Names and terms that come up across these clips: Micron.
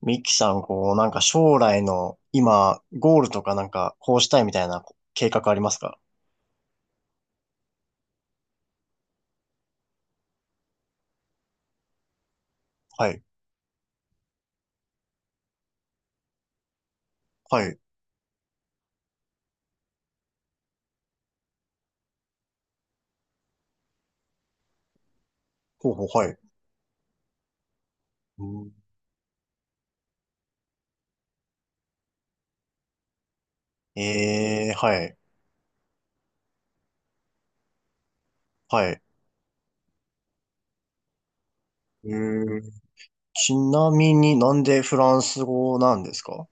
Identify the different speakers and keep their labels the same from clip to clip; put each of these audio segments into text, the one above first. Speaker 1: ミキさん、こう、なんか将来の今、ゴールとかなんか、こうしたいみたいな計画ありますか？はい。はい。ほうほう、はい。うん。はい。はい。えー、ちなみになんでフランス語なんですか？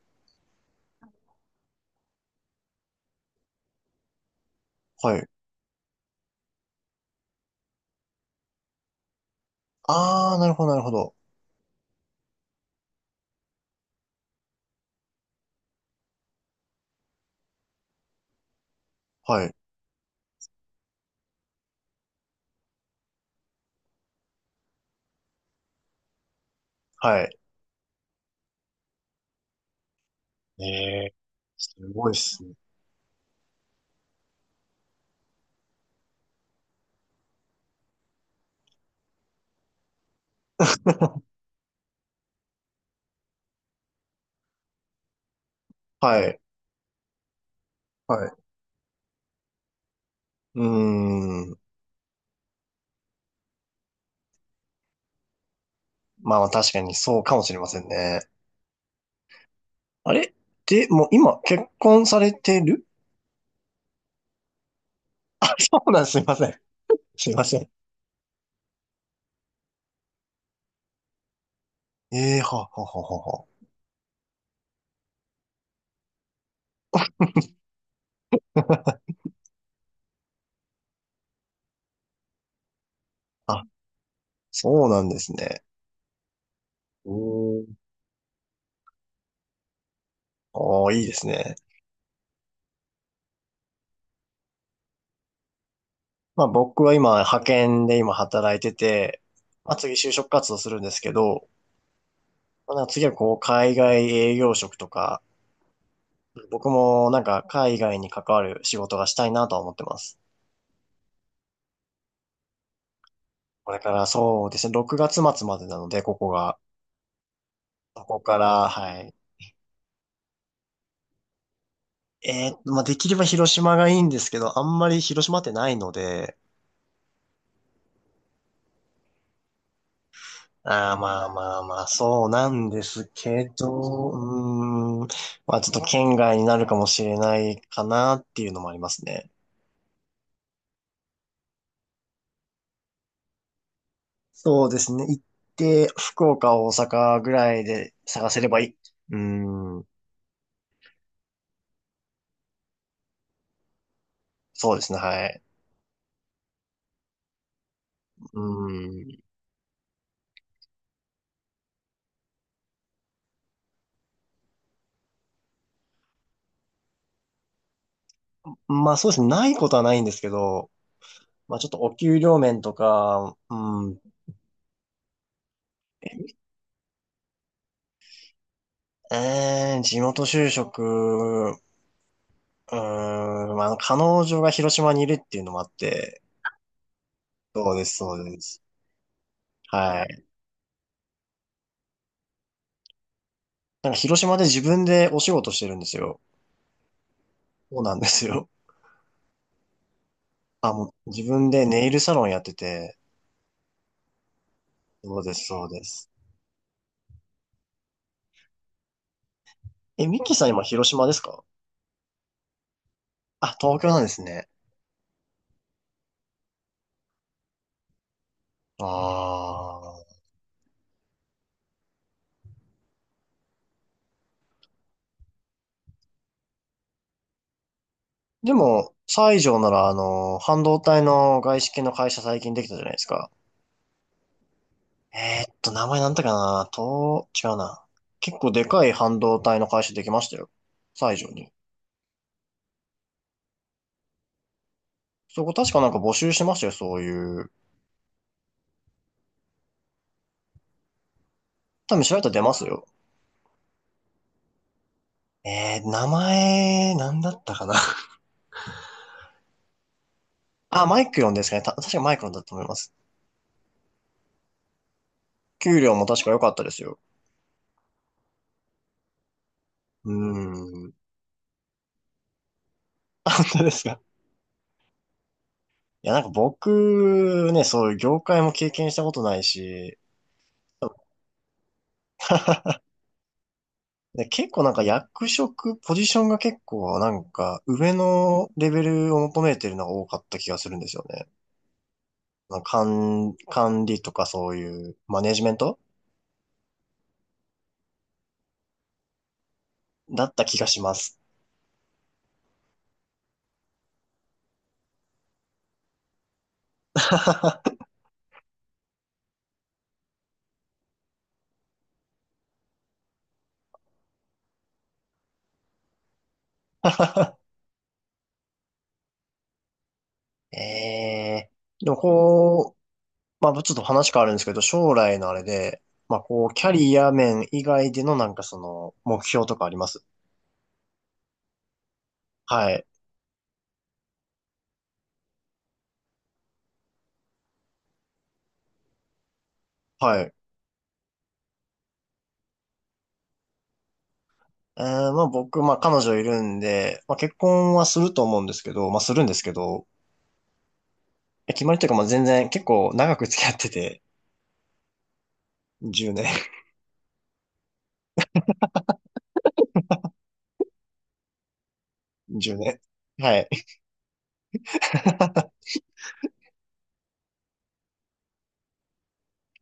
Speaker 1: はい。あー、なるほど、なるほど。はい。はい。えー、すごいっすね。はい。はい。うーん。まあまあ、確かにそうかもしれませんね。あれで、もう今、結婚されてる？あ、そうなんです、すいません。すません。ええー、はあはあはあはあ。あ、そうなんですね。おー。おー、いいですね。まあ僕は今、派遣で今働いてて、まあ次就職活動するんですけど、まあ、なんか次はこう、海外営業職とか、僕もなんか海外に関わる仕事がしたいなとは思ってます。これからそうですね、6月末までなので、ここが。ここから、はい。まあできれば広島がいいんですけど、あんまり広島ってないので、ああ、まあまあまあ、そうなんですけど、うーん、まあちょっと県外になるかもしれないかなっていうのもありますね。そうですね。行って、福岡、大阪ぐらいで探せればいい。うーん、そうですね、はい。うーん、まあそうですね、ないことはないんですけど、まあちょっとお給料面とか、うん、地元就職、うーん、まあ、あの彼女が広島にいるっていうのもあって、そうです、そうです。はい。なんか広島で自分でお仕事してるんですよ。そうなんですよ。あ、もう自分でネイルサロンやってて。そうです、そうです。え、ミッキーさん今広島ですか？あ、東京なんですね。ああ。でも、西条ならあの、半導体の外資系の会社最近できたじゃないですか。名前なんだっけかなと、違うな。結構でかい半導体の会社できましたよ。西条に。そこ確かなんか募集してましたよ、そういう。多分調べたら出ますよ。名前、なんだったかな。あ、マイクロンですかね。確かマイクロンだと思います。給料も確か良かったですよ。うーん。あ、本当ですか。いや、なんか僕、ね、そういう業界も経験したことないし、で、結構なんか役職、ポジションが結構なんか上のレベルを求めてるのが多かった気がするんですよね。まか管、管理とかそういうマネジメントだった気がします。ええ、でもこ、まあ、ちょっと話変わるんですけど、将来のあれで、まあ、こう、キャリア面以外でのなんかその、目標とかあります？はい。はい。まあ、僕、まあ、彼女いるんで、まあ、結婚はすると思うんですけど、まあ、するんですけど、え決まりというか、まあ、全然結構長く付き合ってて、10年、10年。はい。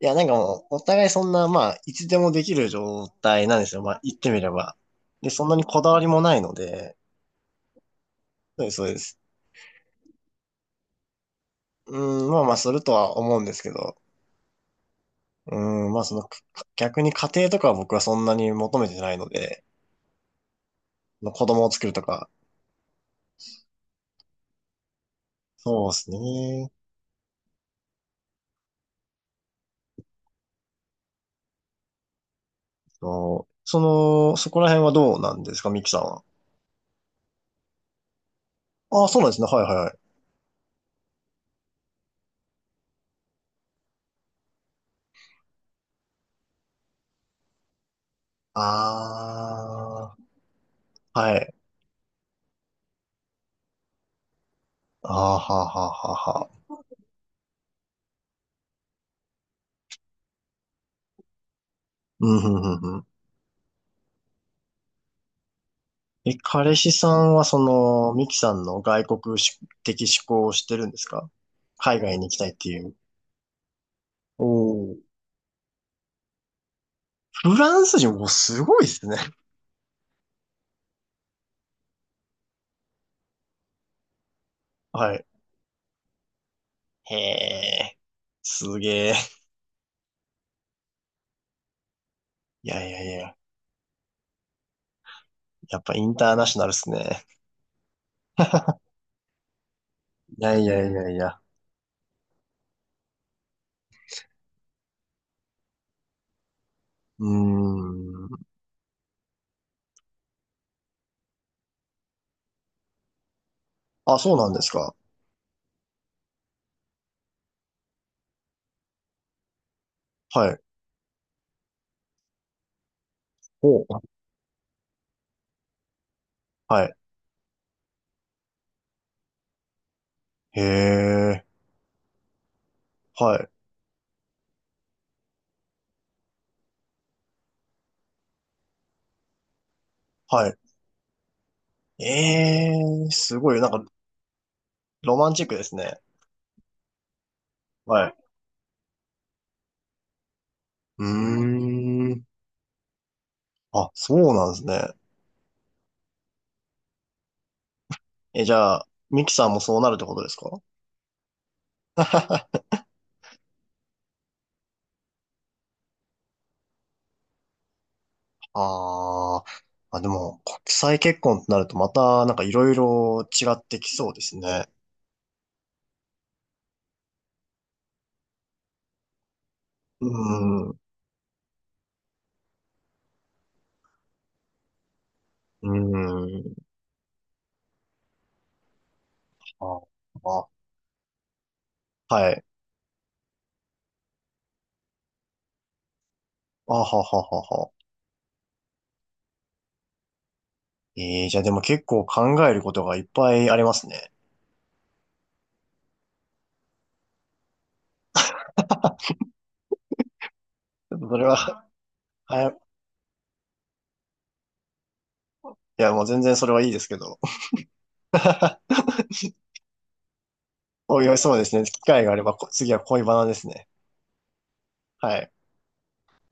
Speaker 1: いや、なんかもう、お互いそんな、まあ、いつでもできる状態なんですよ。まあ、言ってみれば。で、そんなにこだわりもないので、そうです、そうです。うん、まあまあ、するとは思うんですけど、うん、まあその、逆に家庭とかは僕はそんなに求めてないので、の子供を作るとか。そうですね。そう。その、そこら辺はどうなんですか、ミキさんは？ああ、そうなんですね。はいはいはい。ああ、はい。ああ、はあはあはあはあ。うん、ふんふんふん。え、彼氏さんはその、ミキさんの外国し的思考をしてるんですか？海外に行きたいっていう。お。お。フランス人、もすごいですね。はい。へえ、すげえ。いやいやいや、やっぱインターナショナルっすね。いやいやいやいや。うーん。あ、そうなんですか。はい。お、はい。へえ、はい、はい。ええ、すごい、なんか、ロマンチックですね。はい。うーん。あ、そうなんですね。え、じゃあ、ミキさんもそうなるってことですか？ あー。あ、でも、国際結婚ってなるとまた、なんかいろいろ違ってきそうですね。うーん、うーん。あ、あ、はい。あはははは。ええ、じゃあでも結構考えることがいっぱいありますね。ちょっとそれは、はい。いや、もう全然それはいいですけど。おいおい、そうですね。機会があれば、次は恋バナですね。はい。